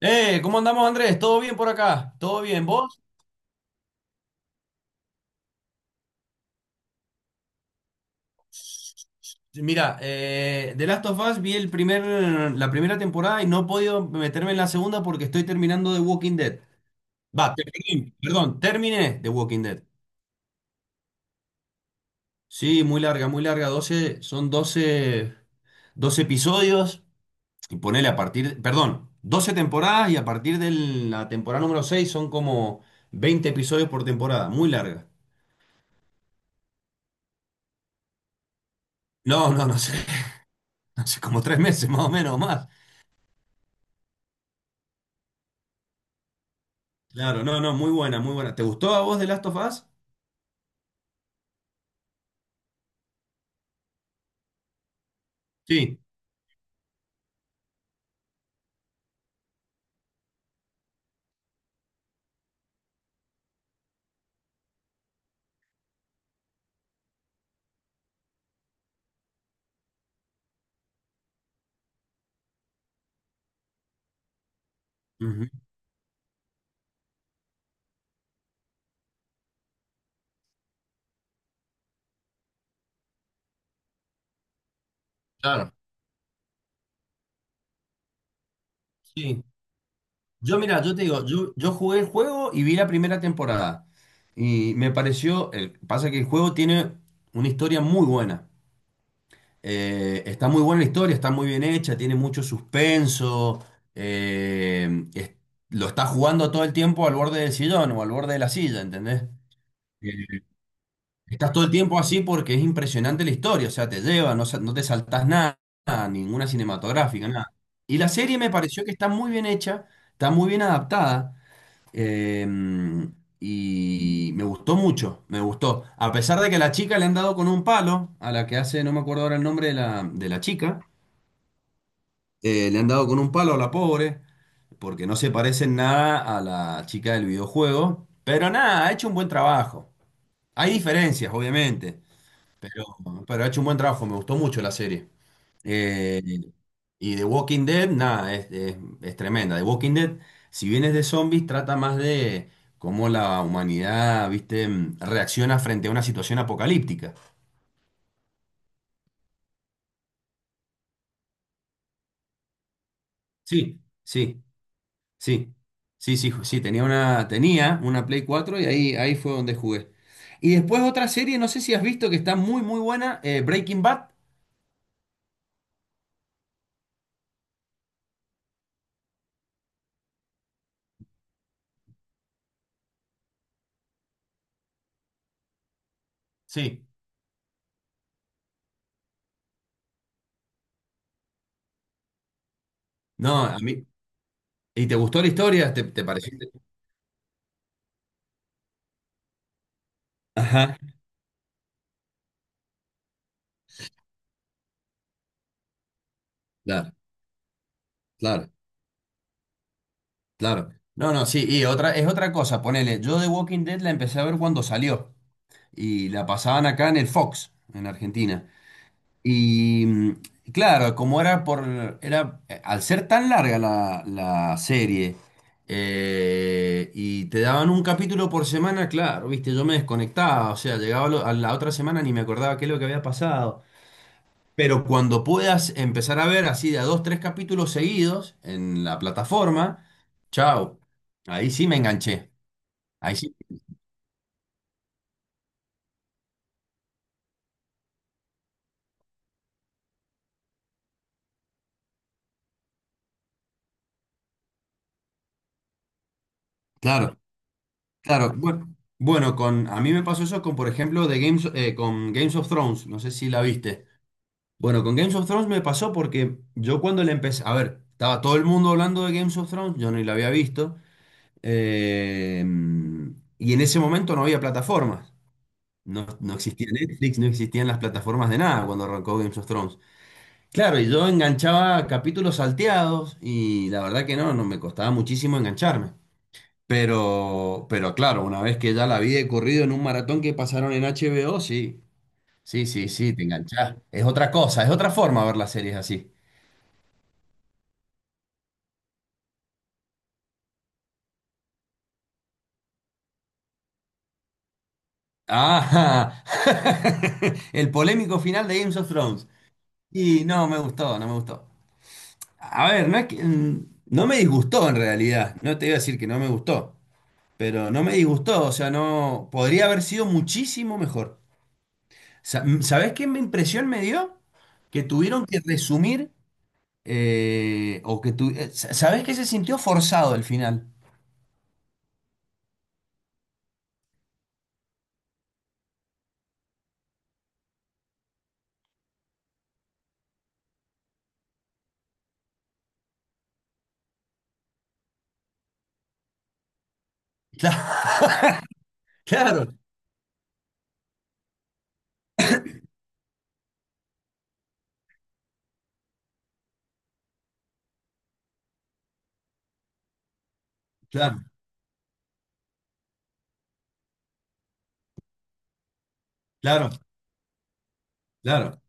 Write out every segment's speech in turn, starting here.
¿Cómo andamos, Andrés? ¿Todo bien por acá? ¿Todo bien? ¿Vos? Mira, The Last of Us vi la primera temporada y no he podido meterme en la segunda porque estoy terminando The Walking Dead. Va, terminé The Walking Dead. Sí, muy larga, muy larga. Son 12 episodios y ponele 12 temporadas y a partir de la temporada número 6 son como 20 episodios por temporada. Muy larga. No, no, no sé. Hace como 3 meses más o menos o más. Claro, no, no, muy buena, muy buena. ¿Te gustó a vos The Last of Us? Sí, ujú, claro. Sí. Mira, yo te digo, yo jugué el juego y vi la primera temporada. Y me pareció, pasa que el juego tiene una historia muy buena. Está muy buena la historia, está muy bien hecha, tiene mucho suspenso. eh, es- lo está jugando todo el tiempo al borde del sillón o al borde de la silla, ¿entendés? Estás todo el tiempo así porque es impresionante la historia, o sea, te lleva, no, no te saltás nada, ninguna cinematográfica, nada. Y la serie me pareció que está muy bien hecha, está muy bien adaptada, eh, y me gustó mucho, me gustó. A pesar de que a la chica le han dado con un palo, a la que hace, no me acuerdo ahora el nombre de la chica, le han dado con un palo a la pobre, porque no se parece en nada a la chica del videojuego, pero nada, ha hecho un buen trabajo. Hay diferencias, obviamente. Pero, pero ha hecho un buen trabajo, me gustó mucho la serie. Eh, y The Walking Dead, nada, es tremenda. The Walking Dead, si bien es de zombies, trata más de cómo la humanidad, viste, reacciona frente a una situación apocalíptica. Sí, sí, sí, sí, sí, sí, tenía una Play 4 y ahí fue donde jugué. Y después otra serie, no sé si has visto que está muy, muy buena, Breaking Bad. Sí. No, a mí. ¿Y te gustó la historia? Te pareció? Ajá. Claro. Claro, claro. No, no, sí, es otra cosa, ponele, yo The Walking Dead la empecé a ver cuando salió y la pasaban acá en el Fox, en Argentina. Y claro, como al ser tan larga la serie y te daban un capítulo por semana, claro, viste, yo me desconectaba, o sea, llegaba a la otra semana ni me acordaba qué es lo que había pasado. Pero cuando puedas empezar a ver así de a dos, tres capítulos seguidos en la plataforma, chao, ahí sí me enganché. Ahí sí. Claro, claro. Bueno, bueno, a mí me pasó eso con, por ejemplo, con Games of Thrones, no sé si la viste. Bueno, con Games of Thrones me pasó porque yo cuando le empecé, a ver, estaba todo el mundo hablando de Games of Thrones, yo ni la había visto, eh, y en ese momento no había plataformas. No, no existía Netflix, no existían las plataformas de nada cuando arrancó Games of Thrones. Claro, y yo enganchaba capítulos salteados y la verdad que no, no me costaba muchísimo engancharme. Pero claro, una vez que ya la vi de corrido en un maratón que pasaron en HBO, sí, sí, sí, sí, te enganchás. Es otra cosa, es otra forma ver las series así. Ah, el polémico final de Games of Thrones. Y no me gustó, no me gustó. A ver, no es que, no me disgustó en realidad. No te iba a decir que no me gustó, pero no me disgustó, o sea, no, podría haber sido muchísimo mejor. ¿Sabés qué impresión me dio? Que tuvieron que resumir, o que tu- sa- ¿sabés qué se sintió forzado al final? Cla- Claro, claro, claro, claro,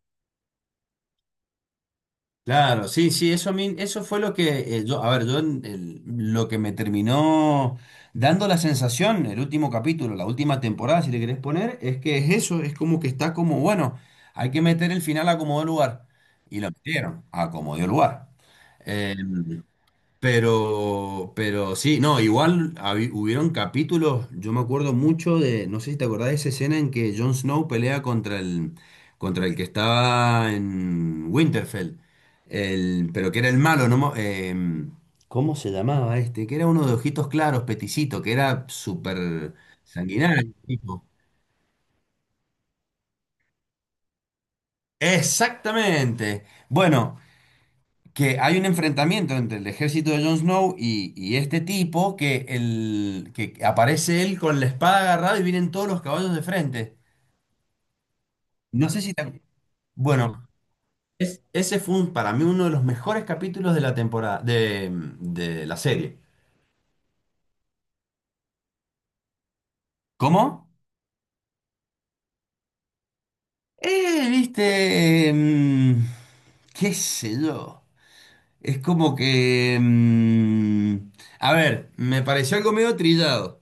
claro, sí, sí, eso, eso fue lo que, yo, a ver, lo que me terminó dando la sensación, el último capítulo, la última temporada, si le querés poner, es que es eso, es como que está como, bueno, hay que meter el final a como dio lugar, y lo metieron a como dio lugar. Eh, pero sí, no, igual hubieron capítulos, yo me acuerdo mucho de, no sé si te acordás de esa escena en que Jon Snow pelea contra el, que estaba en Winterfell, pero que era el malo, ¿no? ¿Cómo se llamaba este? Que era uno de ojitos claros, peticito, que era súper sanguinario. Tipo. Exactamente. Bueno, que hay un enfrentamiento entre el ejército de Jon Snow y este tipo que, que aparece él con la espada agarrada y vienen todos los caballos de frente. No sé si. Bueno, ese fue para mí uno de los mejores capítulos de la temporada, de la serie. ¿Cómo? Viste, qué sé yo. Es como que, a ver, me pareció algo medio trillado.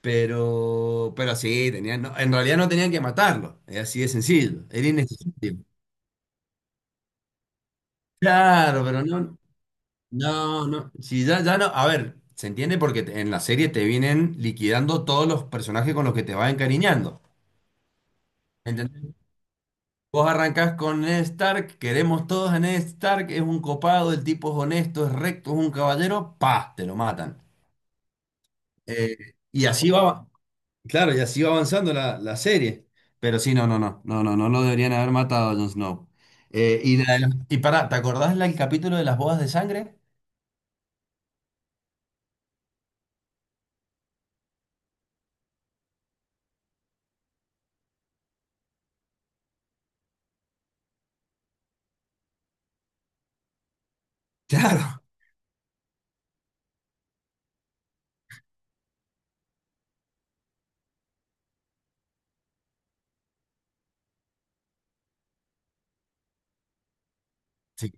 Pero sí, tenían, no, en realidad no tenían que matarlo, es así de sencillo, era innecesario. Claro, pero no, no, no, si ya, ya no, a ver, se entiende porque en la serie te vienen liquidando todos los personajes con los que te vas encariñando, ¿entendés? Vos arrancás con Ned Stark, queremos todos a Ned Stark, es un copado, el tipo es honesto, es recto, es un caballero, pa, te lo matan. Eh, y así va. Claro, y así va avanzando la serie. Pero sí, no, no, no, no, no, no lo deberían haber matado a Jon Snow. Y, la de las- y Pará, ¿te acordás el capítulo de las bodas de sangre? Claro. Sí,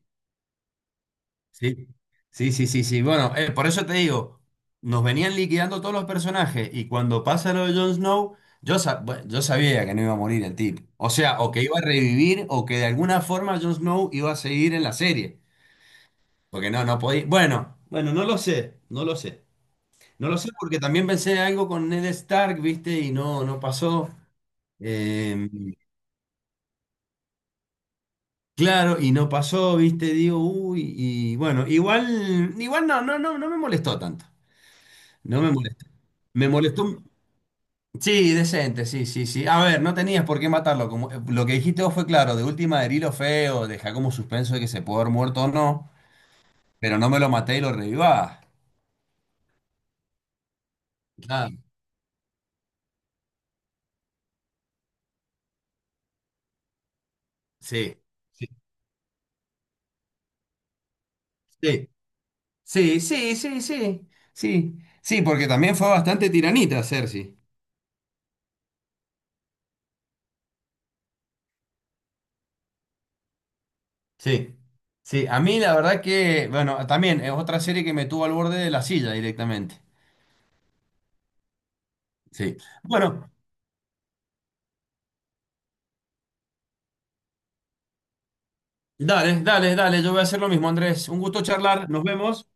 sí, sí, sí, sí, sí. Bueno, por eso te digo, nos venían liquidando todos los personajes y cuando pasa lo de Jon Snow, bueno, yo sabía que no iba a morir el tipo. O sea, o que iba a revivir o que de alguna forma Jon Snow iba a seguir en la serie. Porque no, no podía. Bueno, bueno, no lo sé, no lo sé. No lo sé porque también pensé algo con Ned Stark, ¿viste? Y no, no pasó. Eh, claro, y no pasó, ¿viste? Digo, uy, y bueno, igual, igual no, no, no, no me molestó tanto. No me molestó. Me molestó. Sí, decente, sí, sí, sí. A ver, no tenías por qué matarlo. Como, lo que dijiste vos fue claro, de última herilo feo, deja como suspenso de que se pudo haber muerto o no, pero no me lo maté y lo revivá. Claro, sí, sí, sí. Sí, sí, sí, sí, sí, sí, porque también fue bastante tiranita Cersei. Sí, sí, a mí la verdad que, bueno, también es otra serie que me tuvo al borde de la silla directamente. Sí. Bueno, dale, dale, dale, yo voy a hacer lo mismo, Andrés. Un gusto charlar, nos vemos.